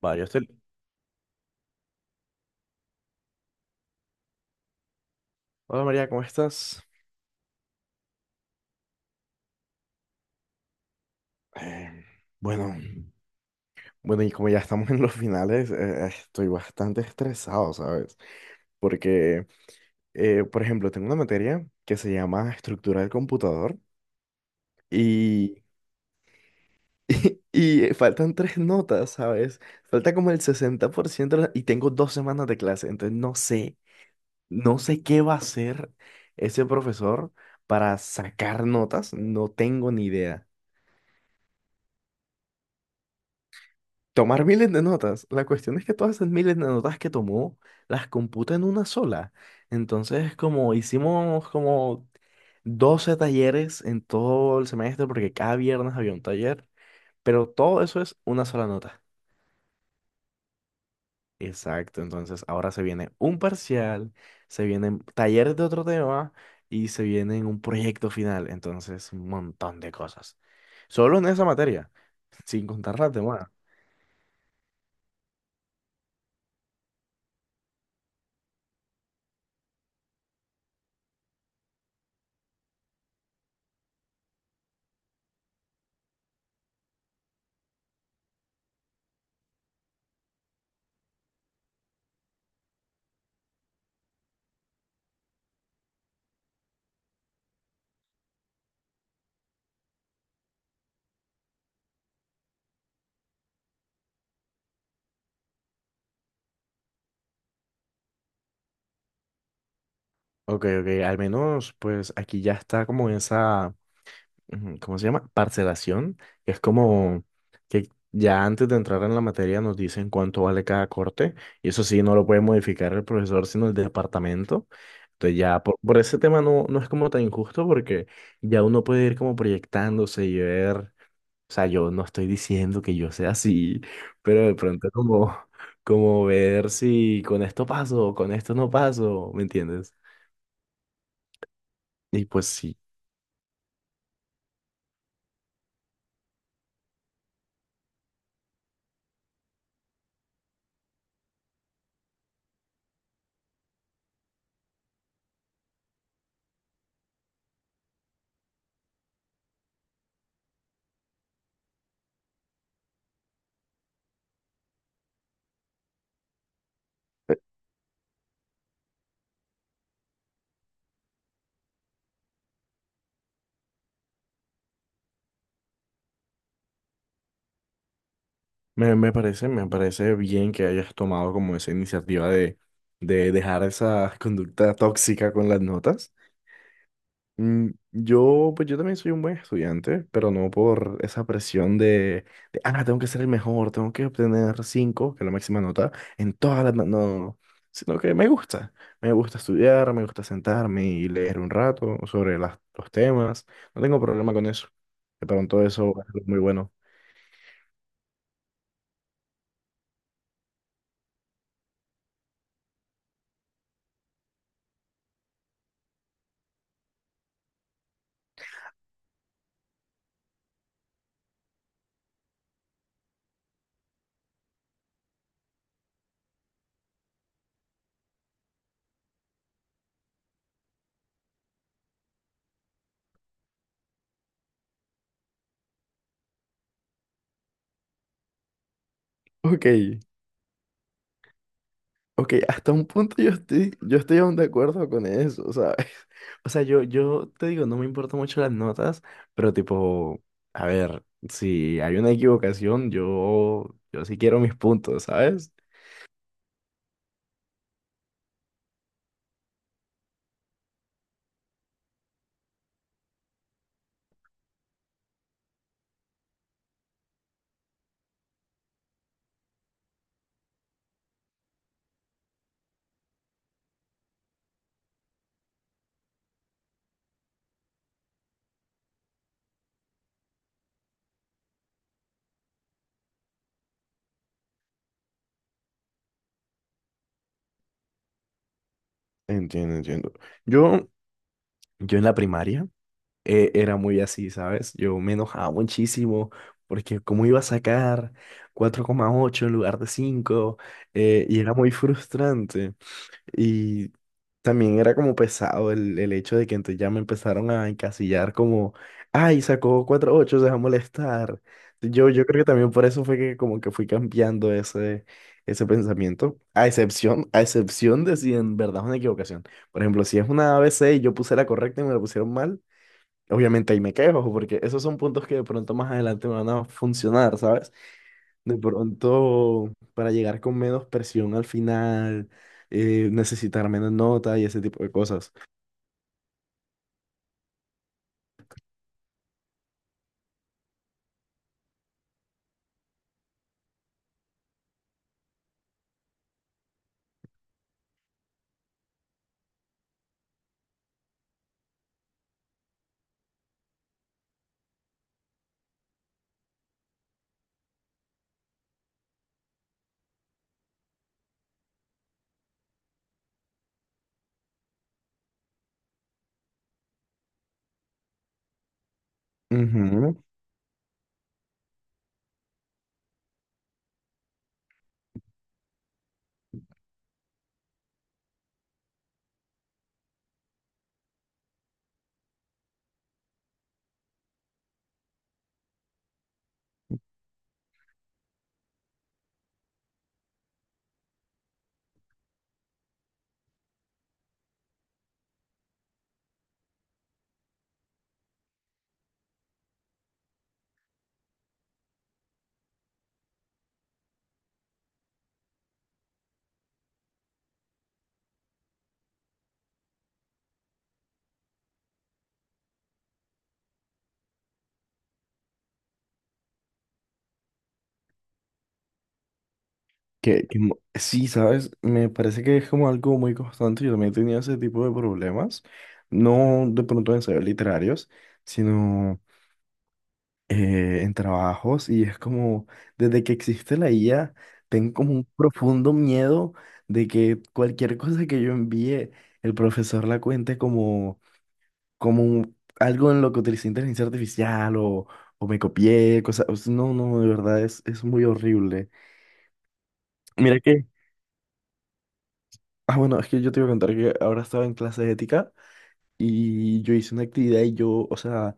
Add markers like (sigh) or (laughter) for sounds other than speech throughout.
Vale, Hola María, ¿cómo estás? Eh, bueno, bueno, y como ya estamos en los finales, estoy bastante estresado, ¿sabes? Porque, por ejemplo, tengo una materia que se llama estructura del computador y, (laughs) y, faltan tres notas, ¿sabes? Falta como el 60% y tengo 2 semanas de clase, entonces no sé, qué va a hacer ese profesor para sacar notas, no tengo ni idea. Tomar miles de notas. La cuestión es que todas esas miles de notas que tomó las computa en una sola. Entonces, como hicimos como 12 talleres en todo el semestre, porque cada viernes había un taller, pero todo eso es una sola nota. Exacto, entonces ahora se viene un parcial, se vienen talleres de otro tema y se viene un proyecto final. Entonces, un montón de cosas. Solo en esa materia, sin contar las demás. Ok, ok, al menos pues aquí ya está como esa, ujú, ¿cómo se llama? Parcelación, que es como que ya antes de entrar en la materia nos dicen cuánto vale cada corte, y eso sí, no lo puede modificar el profesor, sino el departamento. Entonces ya por ese tema no, no es como tan injusto porque ya uno puede ir como proyectándose y ver, o sea, yo no estoy diciendo que yo sea así, pero de pronto como ver si con esto paso, con esto no paso, ¿me entiendes? Y pues sí. Me parece bien que hayas tomado como esa iniciativa de dejar esa (laughs) conducta tóxica con las notas. Pues yo también soy un buen estudiante, pero no por esa presión tengo que ser el mejor, tengo que obtener 5 que es la máxima nota, No, no", sino que me gusta. Me gusta estudiar, me gusta sentarme y leer un rato sobre las, los temas. No tengo problema con eso. De pronto eso es muy bueno. Ok. Ok, hasta un punto yo estoy aún de acuerdo con eso, ¿sabes? (laughs) O sea, yo te digo, no me importan mucho las notas, pero tipo, a ver, si hay una equivocación, yo sí quiero mis puntos, ¿sabes? Entiendo, entiendo. Yo, yo en la primaria era muy así, ¿sabes? Yo me enojaba muchísimo porque cómo iba a sacar 4,8 en lugar de 5, y era muy frustrante. Y también era como pesado el hecho de que entonces ya me empezaron a encasillar como, ay, sacó 4,8, se va a molestar. Yo creo que también por eso fue que como que fui cambiando ese pensamiento, a excepción de si en verdad es una equivocación. Por ejemplo, si es una ABC y yo puse la correcta y me la pusieron mal, obviamente ahí me quejo, porque esos son puntos que de pronto más adelante me van a funcionar, ¿sabes? De pronto, para llegar con menos presión al final, necesitar menos nota y ese tipo de cosas. Ujú. Sí, ¿sabes? Me parece que es como algo muy constante. Yo también tenía ese tipo de problemas. No de pronto en ensayos literarios, sino en trabajos. Y es como, desde que existe la IA, tengo como un profundo miedo de que cualquier cosa que yo envíe, el profesor la cuente como algo en lo que utilicé inteligencia artificial o me copié, cosas. O sea, no, no, de verdad es, muy horrible. Mira que, bueno, es que yo te iba a contar que ahora estaba en clase de ética y yo hice una actividad o sea,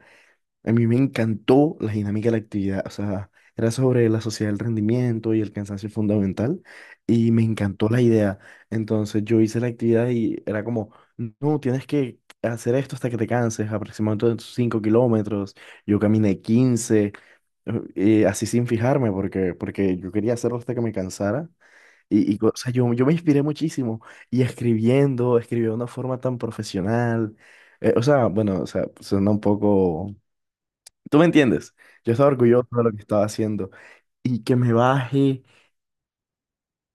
a mí me encantó la dinámica de la actividad, o sea, era sobre la sociedad del rendimiento y el cansancio fundamental y me encantó la idea. Entonces yo hice la actividad y era como, no, tienes que hacer esto hasta que te canses, aproximadamente 5 kilómetros, yo caminé 15 así sin fijarme porque yo quería hacerlo hasta que me cansara. O sea, yo me inspiré muchísimo y escribí de una forma tan profesional. O sea, bueno, o sea, suena un poco. ¿Tú me entiendes? Yo estaba orgulloso de lo que estaba haciendo y que me baje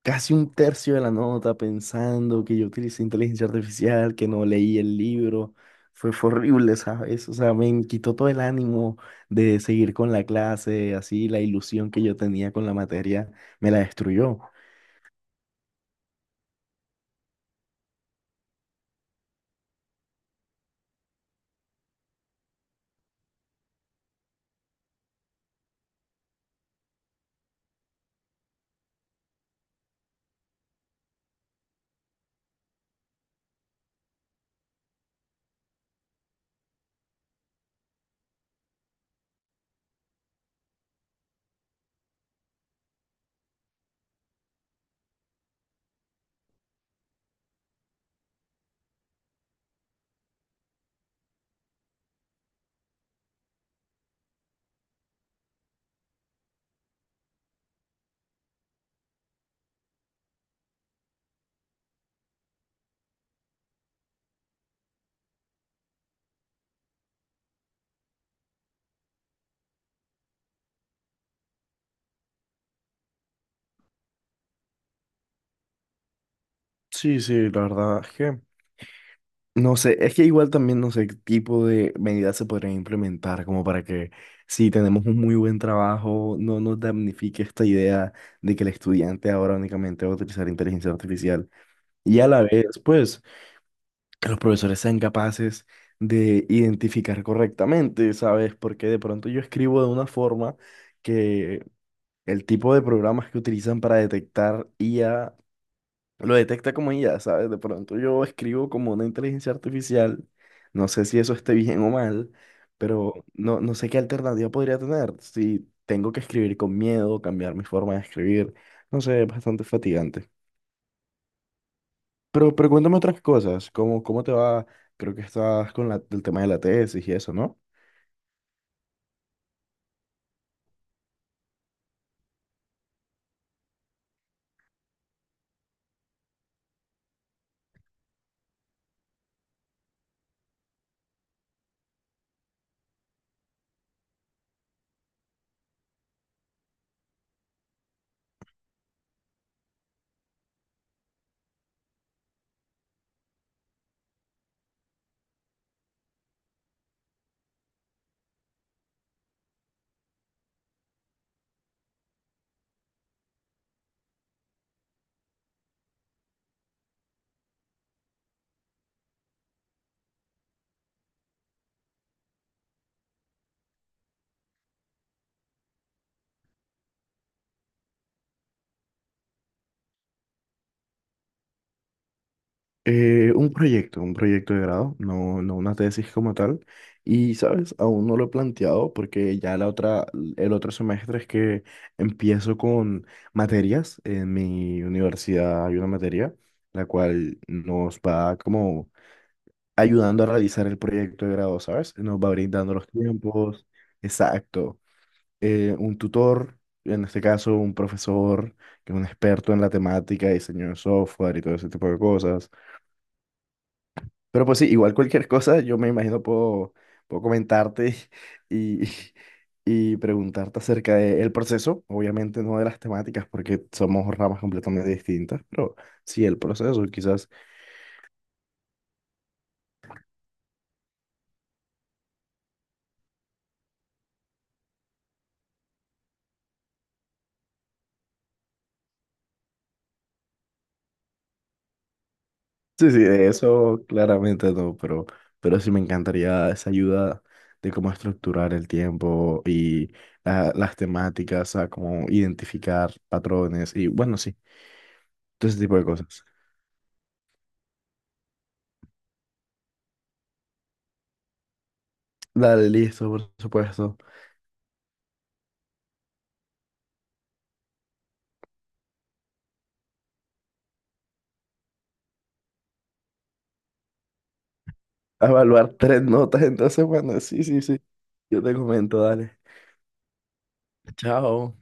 casi un tercio de la nota pensando que yo utilicé inteligencia artificial, que no leí el libro. Fue horrible, ¿sabes? O sea, me quitó todo el ánimo de seguir con la clase, así la ilusión que yo tenía con la materia me la destruyó. Sí, sí, la verdad. No sé, es que igual también no sé qué tipo de medidas se podrían implementar como para que si tenemos un muy buen trabajo, no nos damnifique esta idea de que el estudiante ahora únicamente va a utilizar inteligencia artificial y a la vez, pues, que los profesores sean capaces de identificar correctamente, ¿sabes? Porque de pronto yo escribo de una forma que el tipo de programas que utilizan para detectar IA lo detecta como ya, ¿sabes? De pronto yo escribo como una inteligencia artificial, no sé si eso esté bien o mal, pero no, no sé qué alternativa podría tener, si tengo que escribir con miedo, cambiar mi forma de escribir, no sé, es bastante fatigante. Pero cuéntame otras cosas, ¿cómo te va? Creo que estás con el tema de la tesis y eso, ¿no? Un proyecto de grado, no, no una tesis como tal. Y, ¿sabes? Aún no lo he planteado porque ya la otra, el otro semestre es que empiezo con materias. En mi universidad hay una materia la cual nos va como ayudando a realizar el proyecto de grado, ¿sabes? Nos va brindando los tiempos, exacto. Un tutor, en este caso un profesor que es un experto en la temática, diseño de software y todo ese tipo de cosas, pero pues sí, igual cualquier cosa, yo me imagino puedo comentarte (laughs) y, y, preguntarte acerca del proceso, obviamente no de las temáticas porque somos ramas completamente distintas, pero sí el proceso, quizás. Sí, sí, de eso claramente no, pero sí me encantaría esa ayuda de cómo estructurar el tiempo y las temáticas, a cómo identificar patrones y bueno, sí, todo ese tipo de cosas. Dale, listo, por supuesto. A evaluar tres notas entonces, bueno, sí, sí, sí. Yo te comento, dale. Chao.